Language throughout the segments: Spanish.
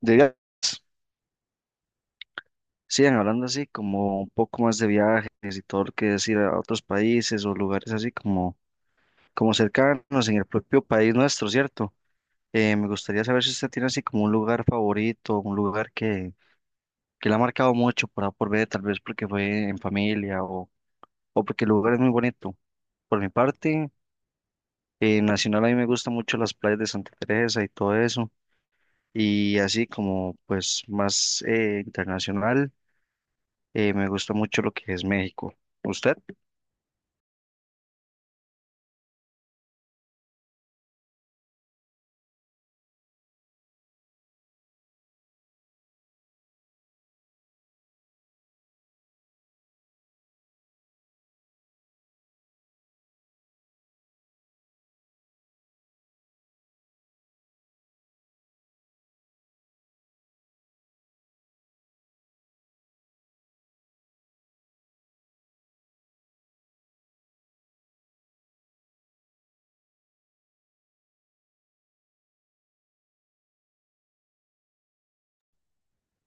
De viajes. Sigan hablando así como un poco más de viajes y todo lo que es ir a otros países o lugares así como, como cercanos en el propio país nuestro, ¿cierto? Me gustaría saber si usted tiene así como un lugar favorito, un lugar que le ha marcado mucho por ver tal vez porque fue en familia o porque el lugar es muy bonito. Por mi parte, en Nacional a mí me gustan mucho las playas de Santa Teresa y todo eso. Y así como pues más internacional. Me gusta mucho lo que es México. ¿Usted?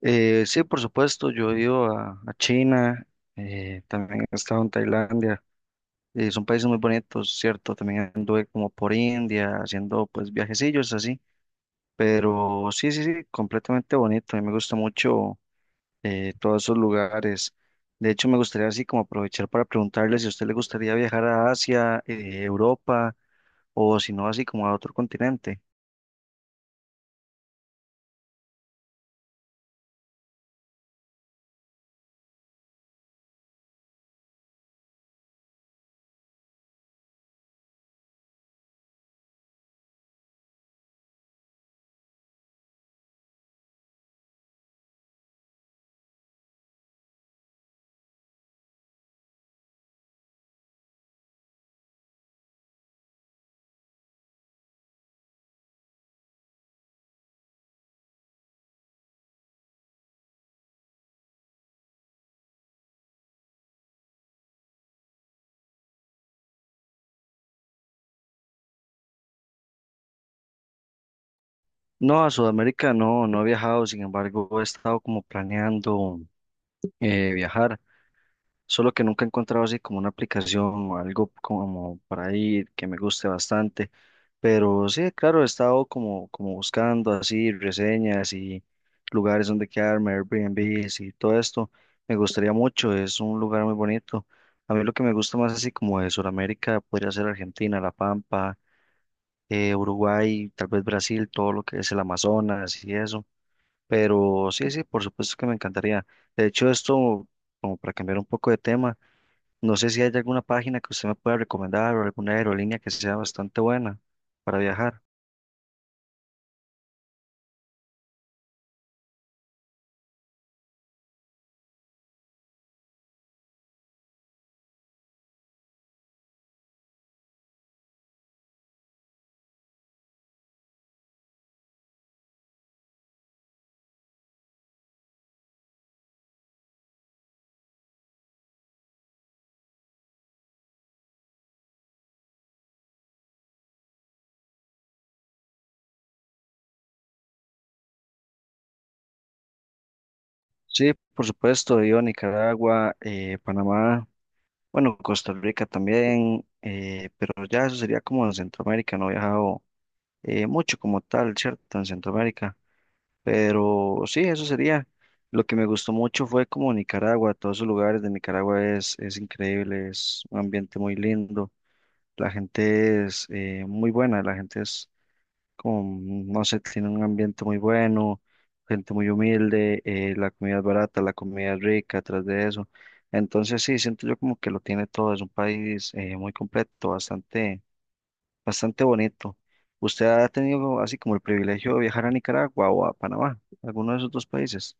Sí, por supuesto, yo he ido a China, también he estado en Tailandia. Son países muy bonitos, ¿cierto? También anduve como por India, haciendo pues viajecillos así. Pero sí, sí, sí, completamente bonito. A mí me gusta mucho todos esos lugares. De hecho, me gustaría así como aprovechar para preguntarle si a usted le gustaría viajar a Asia, Europa o si no, así como a otro continente. No, a Sudamérica no, no he viajado, sin embargo, he estado como planeando viajar, solo que nunca he encontrado así como una aplicación o algo como para ir que me guste bastante, pero sí, claro, he estado como, como buscando así reseñas y lugares donde quedarme, Airbnbs y todo esto, me gustaría mucho, es un lugar muy bonito. A mí lo que me gusta más así como de Sudamérica podría ser Argentina, La Pampa, Uruguay, tal vez Brasil, todo lo que es el Amazonas y eso. Pero sí, sí, por supuesto que me encantaría. De hecho, esto, como para cambiar un poco de tema, no sé si hay alguna página que usted me pueda recomendar o alguna aerolínea que sea bastante buena para viajar. Sí, por supuesto, yo a Nicaragua, Panamá, bueno, Costa Rica también, pero ya eso sería como en Centroamérica, no he viajado mucho como tal, ¿cierto? En Centroamérica. Pero sí, eso sería. Lo que me gustó mucho fue como Nicaragua, todos esos lugares de Nicaragua es increíble, es un ambiente muy lindo, la gente es muy buena, la gente es como, no sé, tiene un ambiente muy bueno, gente muy humilde, la comida es barata, la comida es rica, atrás de eso. Entonces sí, siento yo como que lo tiene todo, es un país muy completo, bastante bastante bonito. ¿Usted ha tenido así como el privilegio de viajar a Nicaragua o a Panamá, alguno de esos dos países?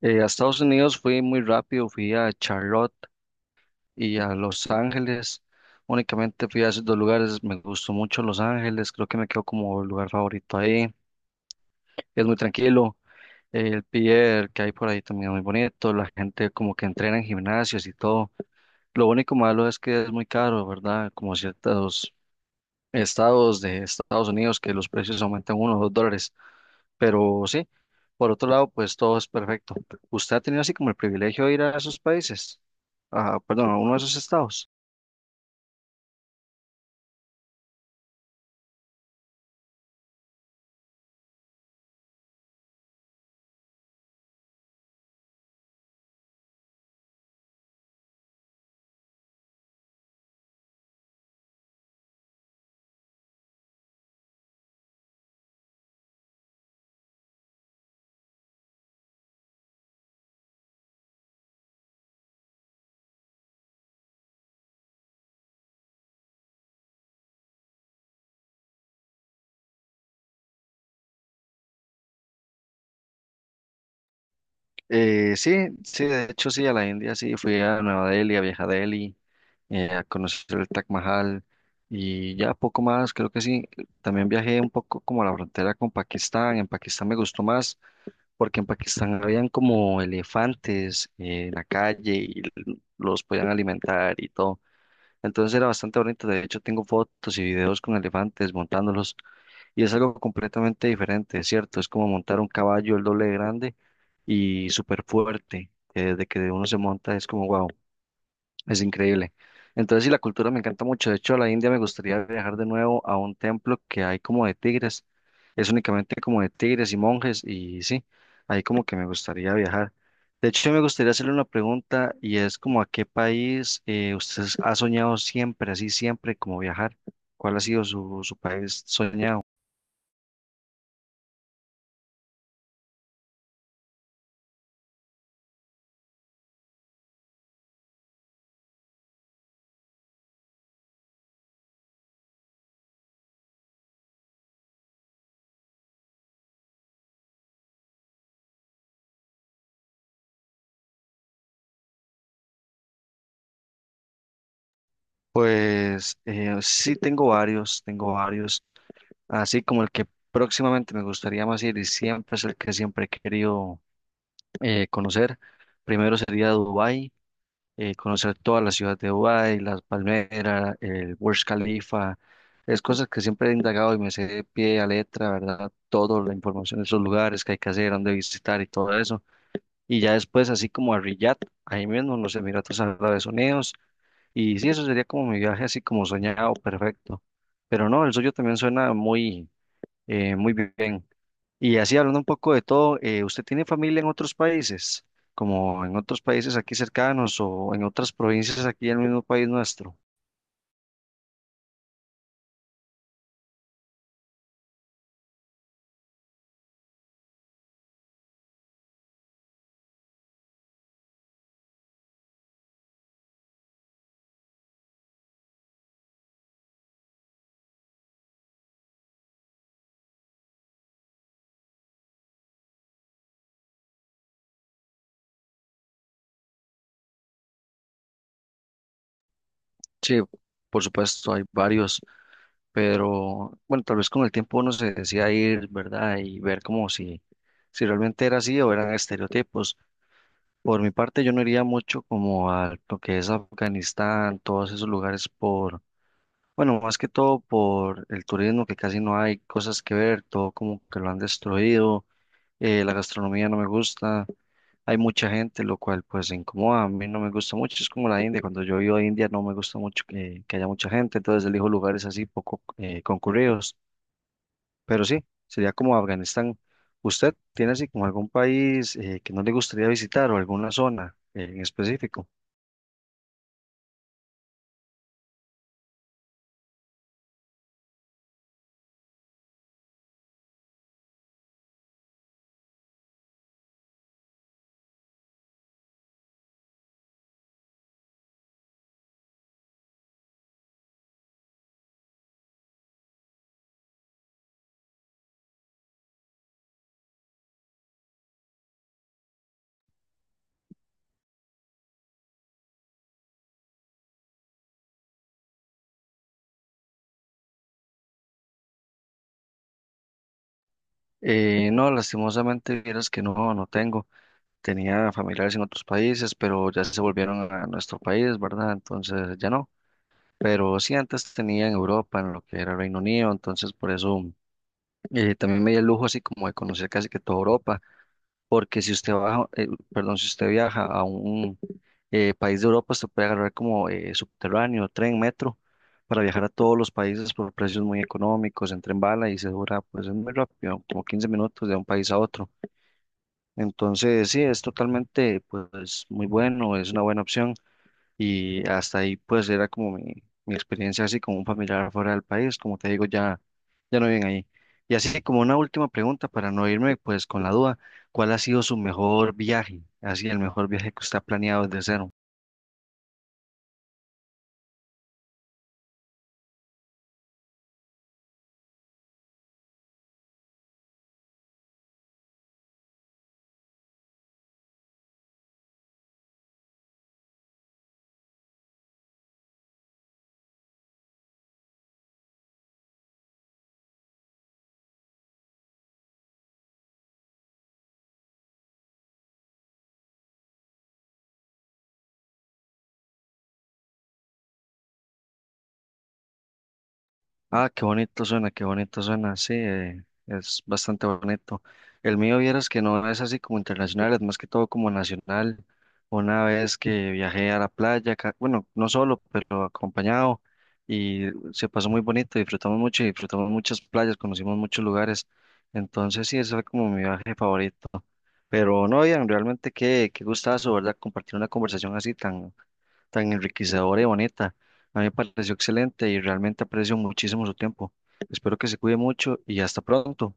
A Estados Unidos fui muy rápido, fui a Charlotte y a Los Ángeles. Únicamente fui a esos dos lugares, me gustó mucho Los Ángeles, creo que me quedó como el lugar favorito ahí. Es muy tranquilo, el pier que hay por ahí también es muy bonito, la gente como que entrena en gimnasios y todo. Lo único malo es que es muy caro, ¿verdad? Como ciertos estados de Estados Unidos que los precios aumentan uno o dos dólares. Pero sí, por otro lado, pues todo es perfecto. ¿Usted ha tenido así como el privilegio de ir a esos países? Ah, perdón, a uno de esos estados. Sí, sí, de hecho sí, a la India sí, fui a Nueva Delhi, a Vieja Delhi, a conocer el Taj Mahal y ya poco más, creo que sí. También viajé un poco como a la frontera con Pakistán, en Pakistán me gustó más porque en Pakistán habían como elefantes en la calle y los podían alimentar y todo. Entonces era bastante bonito, de hecho tengo fotos y videos con elefantes montándolos y es algo completamente diferente, ¿cierto? Es como montar un caballo el doble de grande y súper fuerte, que desde que uno se monta es como wow. Es increíble. Entonces, sí, la cultura me encanta mucho. De hecho, a la India me gustaría viajar de nuevo a un templo que hay como de tigres. Es únicamente como de tigres y monjes y sí, ahí como que me gustaría viajar. De hecho, me gustaría hacerle una pregunta y es como a qué país usted ha soñado siempre, así siempre, como viajar. ¿Cuál ha sido su, su país soñado? Pues sí, tengo varios, tengo varios. Así como el que próximamente me gustaría más ir y siempre es el que siempre he querido conocer. Primero sería Dubái, conocer toda la ciudad de Dubái, las palmeras, el Burj Khalifa, es cosas que siempre he indagado y me sé de pie a letra, ¿verdad? Toda la información de esos lugares que hay que hacer, dónde visitar y todo eso. Y ya después, así como a Riyadh, ahí mismo en los Emiratos Árabes Unidos. Y sí, eso sería como mi viaje así como soñado, perfecto. Pero no, el suyo también suena muy, muy bien. Y así hablando un poco de todo, ¿usted tiene familia en otros países, como en otros países aquí cercanos o en otras provincias aquí en el mismo país nuestro? Sí, por supuesto, hay varios, pero bueno, tal vez con el tiempo uno se decía ir, ¿verdad? Y ver como si, si realmente era así o eran estereotipos. Por mi parte, yo no iría mucho como a lo que es Afganistán, todos esos lugares por, bueno, más que todo por el turismo, que casi no hay cosas que ver, todo como que lo han destruido la gastronomía no me gusta, hay mucha gente, lo cual pues incomoda, a mí no me gusta mucho, es como la India, cuando yo iba a India no me gusta mucho que haya mucha gente, entonces elijo lugares así poco concurridos, pero sí, sería como Afganistán. ¿Usted tiene así como algún país que no le gustaría visitar o alguna zona en específico? No, lastimosamente, vieras que no, no tengo. Tenía familiares en otros países, pero ya se volvieron a nuestro país, ¿verdad? Entonces ya no. Pero sí antes tenía en Europa, en lo que era Reino Unido, entonces por eso también me di el lujo así como de conocer casi que toda Europa, porque si usted baja, perdón, si usted viaja a un país de Europa, usted puede agarrar como subterráneo, tren, metro, para viajar a todos los países por precios muy económicos, en tren bala y se dura, pues es muy rápido, como 15 minutos de un país a otro. Entonces, sí, es totalmente, pues, muy bueno, es una buena opción y hasta ahí pues era como mi experiencia así como un familiar fuera del país, como te digo, ya, ya no viven ahí. Y así como una última pregunta para no irme pues con la duda, ¿cuál ha sido su mejor viaje? Así el mejor viaje que usted ha planeado desde cero. Ah, qué bonito suena, sí, es bastante bonito. El mío, vieras que no es así como internacional, es más que todo como nacional. Una vez que viajé a la playa, bueno, no solo, pero acompañado, y se pasó muy bonito, disfrutamos mucho y disfrutamos muchas playas, conocimos muchos lugares. Entonces, sí, ese fue como mi viaje favorito. Pero no, bien, realmente qué, qué gustazo, ¿verdad? Compartir una conversación así tan tan enriquecedora y bonita. A mí me pareció excelente y realmente aprecio muchísimo su tiempo. Espero que se cuide mucho y hasta pronto.